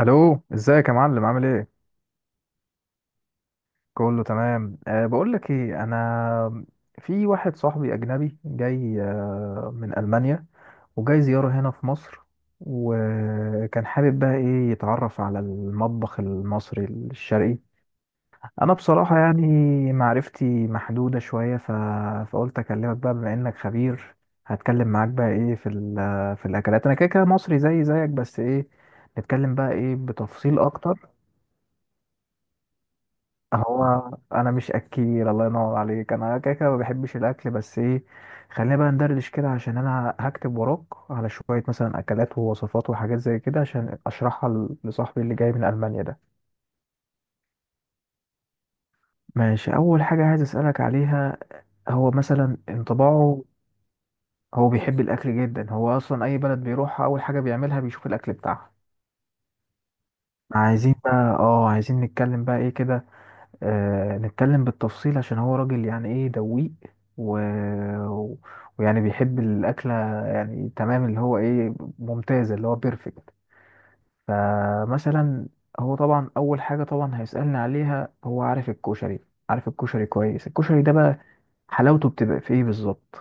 الو، ازيك يا معلم؟ عامل ايه؟ كله تمام. بقول لك ايه، انا في واحد صاحبي اجنبي جاي من المانيا، وجاي زياره هنا في مصر، وكان حابب بقى ايه يتعرف على المطبخ المصري الشرقي. انا بصراحه يعني معرفتي محدوده شويه فقلت اكلمك بقى بما انك خبير. هتكلم معاك بقى ايه في في الاكلات، انا كده كده مصري زي زيك بس ايه، نتكلم بقى ايه بتفصيل اكتر. هو انا مش اكيل، الله ينور عليك، انا كده كده ما بحبش الاكل، بس ايه، خلينا بقى ندردش كده عشان انا هكتب وراك على شويه مثلا اكلات ووصفات وحاجات زي كده عشان اشرحها لصاحبي اللي جاي من المانيا ده. ماشي، اول حاجه عايز اسالك عليها، هو مثلا انطباعه. هو بيحب الاكل جدا، هو اصلا اي بلد بيروحها اول حاجه بيعملها بيشوف الاكل بتاعها. عايزين بقى، اه عايزين نتكلم بقى ايه كده. نتكلم بالتفصيل عشان هو راجل يعني ايه دويق و... و- ويعني بيحب الأكلة يعني تمام، اللي هو ايه، ممتازة، اللي هو بيرفكت. فمثلا هو طبعا أول حاجة طبعا هيسألني عليها، هو عارف الكشري، عارف الكشري كويس. الكشري ده بقى حلاوته بتبقى في ايه بالظبط؟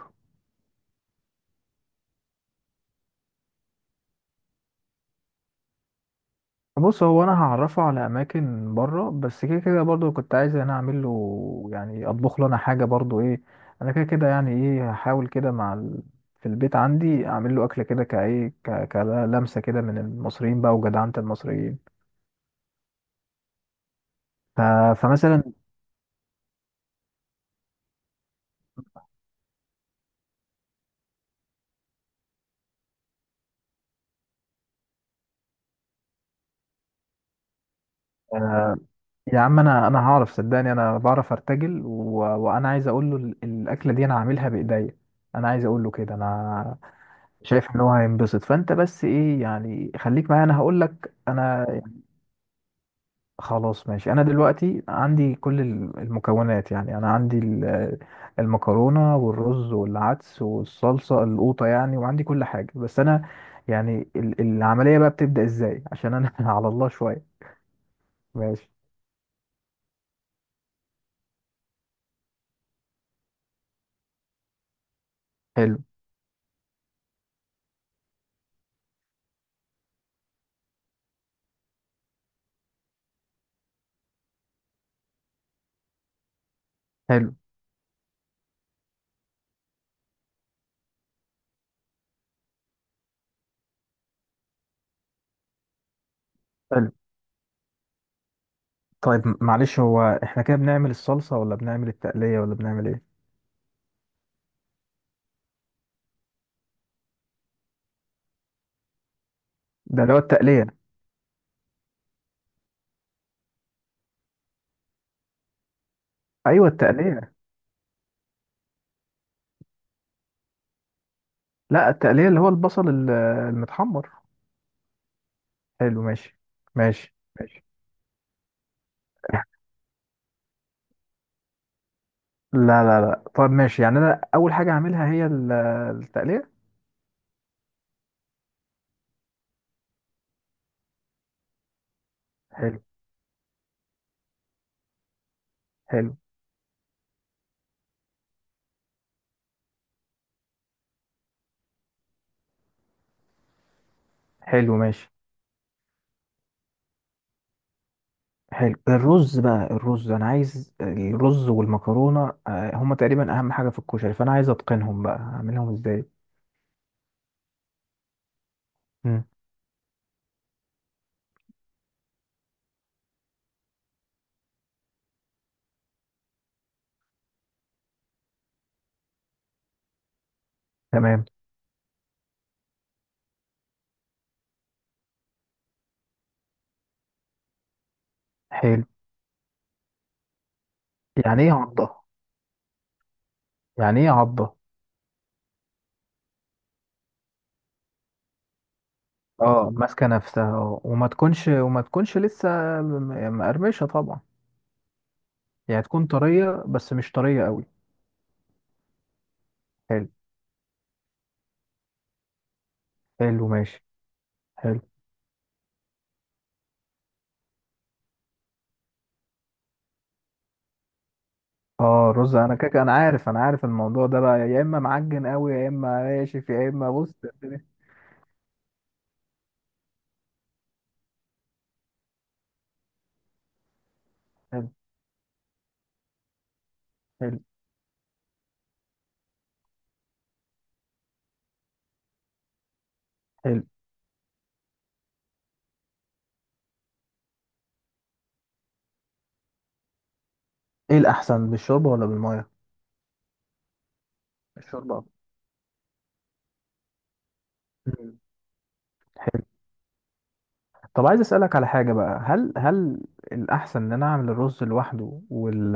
بص، هو انا هعرفه على اماكن بره، بس كده كده برضو كنت عايز انا اعمل له، يعني اطبخ له انا حاجه برضو ايه، انا كده كده يعني ايه هحاول كده مع في البيت عندي اعمل له اكله كده، كايه كلمسه كده من المصريين بقى، وجدعنه المصريين. ف... فمثلا، آه، يا عم انا هعرف، صدقني انا بعرف ارتجل، وانا عايز اقول له الاكله دي انا عاملها بايديا، انا عايز اقول له كده. انا شايف ان هو هينبسط، فانت بس ايه يعني خليك معايا، انا هقول لك انا. خلاص ماشي، انا دلوقتي عندي كل المكونات، يعني انا عندي المكرونه والرز والعدس والصلصه القوطه يعني، وعندي كل حاجه، بس انا يعني العمليه بقى بتبدا ازاي عشان انا على الله شويه. ماشي. حلو حلو حلو. طيب، معلش، هو احنا كده بنعمل الصلصه ولا بنعمل التقليه ولا بنعمل ايه؟ ده اللي هو التقليه. ايوه، التقليه. لا، التقليه اللي هو البصل المتحمر. حلو، ماشي. ماشي ماشي. لا لا لا، طب ماشي، يعني انا اول حاجه هعملها هي التقليه. حلو حلو حلو ماشي. حلو، الرز بقى. الرز، انا عايز الرز والمكرونه هما تقريبا اهم حاجه في الكشري، فانا عايز اتقنهم بقى، هعملهم ازاي؟ مم. تمام. حلو. يعني ايه عضه؟ يعني ايه عضه؟ اه، ماسكه نفسها، اه، وما تكونش وما تكونش لسه مقرمشه طبعا. يعني تكون طريه بس مش طريه قوي. حلو. حلو ماشي. حلو. اه، رز، انا كده انا عارف، عارف الموضوع ده بقى، يا اما معجن قوي يا اما ناشف يا اما بص الدنيا. حلو حلو حلو. ايه الاحسن، بالشوربه ولا بالميه؟ الشوربه أكتر. مم. طب عايز اسالك على حاجه بقى، هل الاحسن ان انا اعمل الرز لوحده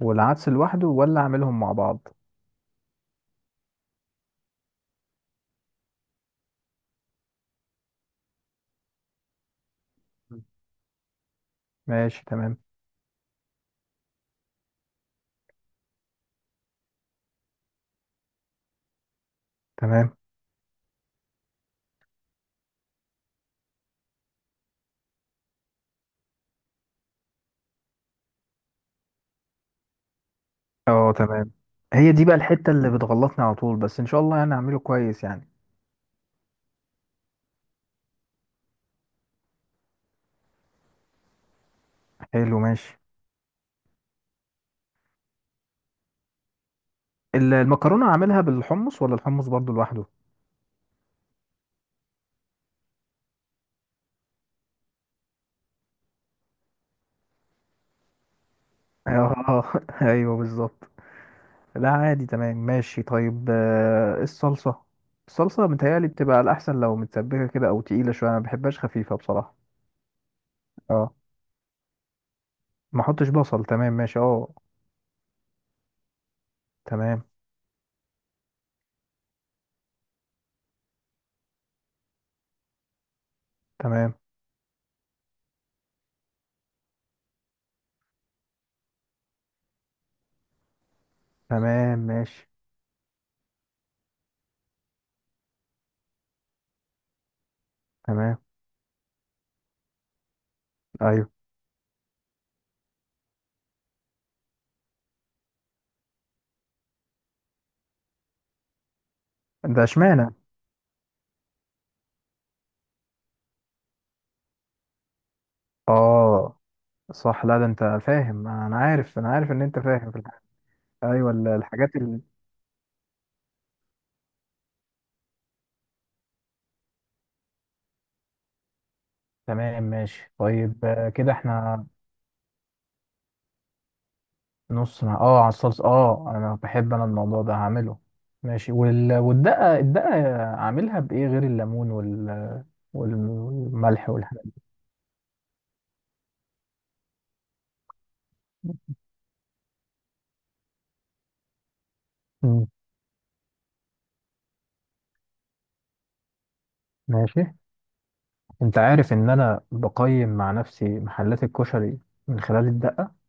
والعدس لوحده، ولا اعملهم مع بعض؟ مم. ماشي، تمام. تمام. اه تمام. هي دي بقى الحته اللي بتغلطني على طول، بس ان شاء الله يعني اعمله كويس يعني. حلو ماشي. المكرونه اعملها بالحمص ولا الحمص برضو لوحده؟ اه ايوه بالظبط. لا عادي، تمام ماشي. طيب الصلصة. الصلصة متهيألي بتبقى الأحسن لو متسبكة كده أو تقيلة شوية، أنا مبحبهاش خفيفة بصراحة. اه. ما احطش بصل، تمام ماشي، اه. تمام. تمام. تمام ماشي. تمام. أيوه. ده اشمعنى؟ اه. صح، لا ده أنت فاهم، أنا عارف عارف إن أنت فاهم في الحاجة. أيوه الحاجات تمام ماشي. طيب كده احنا. نص مع اه، على الصلصة، اه انا بحب، انا الموضوع ده هعمله. ماشي والدقة. الدقة عاملها بايه غير الليمون والملح والحاجات؟ دي. مم. ماشي. انت عارف ان انا بقيم مع نفسي محلات الكشري من خلال الدقة.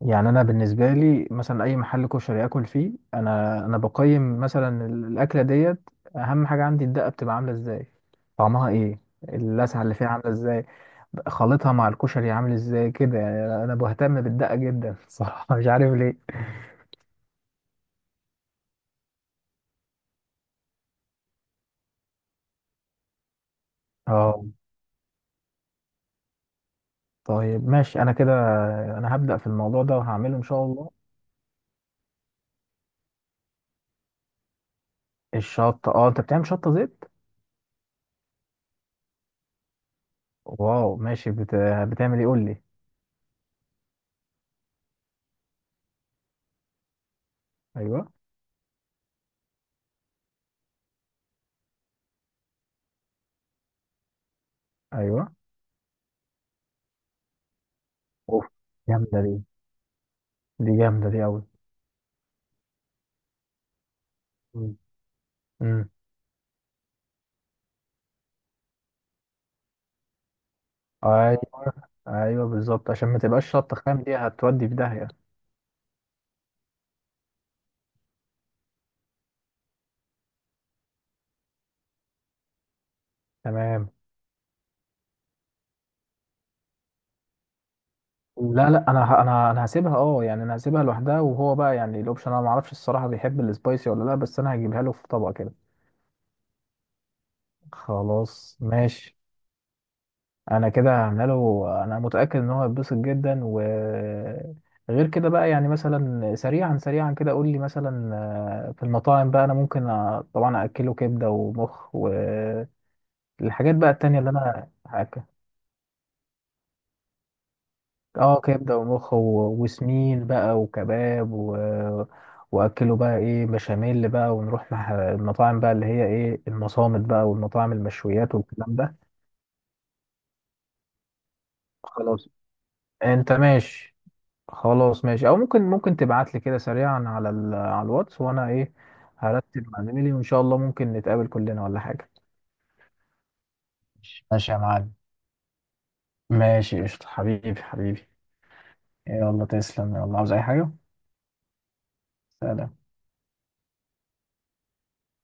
يعني انا بالنسبه لي مثلا اي محل كشري اكل فيه، انا بقيم مثلا الاكله ديت، اهم حاجه عندي الدقه بتبقى عامله ازاي، طعمها ايه، اللسعه اللي فيها عامله ازاي، خلطها مع الكشري عامل ازاي، كده يعني انا بهتم بالدقه جدا صراحه مش عارف ليه. اه. طيب ماشي، انا كده انا هبدا في الموضوع ده، وهعمله ان شاء الله. الشطه، اه انت بتعمل شطه زيت؟ واو ماشي، بتعمل ايه قول لي. ايوه. ايوه، اوف، جامده دي، دي جامده دي قوي. امم. اي. ايوه بالظبط، عشان ما تبقاش شطه خام دي، هتودي في داهيه. تمام. لا لا، انا انا هسيبها، اه يعني انا هسيبها لوحدها، وهو بقى يعني الاوبشن، انا ما اعرفش الصراحه بيحب السبايسي ولا لا، بس انا هجيبها له في طبق كده. خلاص ماشي. انا كده هعملها له، انا متاكد ان هو هيتبسط جدا. و غير كده بقى، يعني مثلا سريعا سريعا كده قول لي مثلا، في المطاعم بقى انا ممكن طبعا اكله كبده ومخ والحاجات بقى، التانية اللي انا، اه كبده ومخ وسمين بقى وكباب واكله بقى ايه بشاميل بقى، ونروح مع المطاعم بقى اللي هي ايه، المصامت بقى، والمطاعم المشويات والكلام ده. خلاص، انت ماشي. خلاص ماشي. او ممكن تبعت لي كده سريعا على على الواتس، وانا ايه هرتب مع زميلي، وان شاء الله ممكن نتقابل كلنا ولا حاجه. ماشي يا معلم. ماشي قشطة، حبيبي حبيبي. يلا تسلم، يلا عاوز اي حاجة. سلام.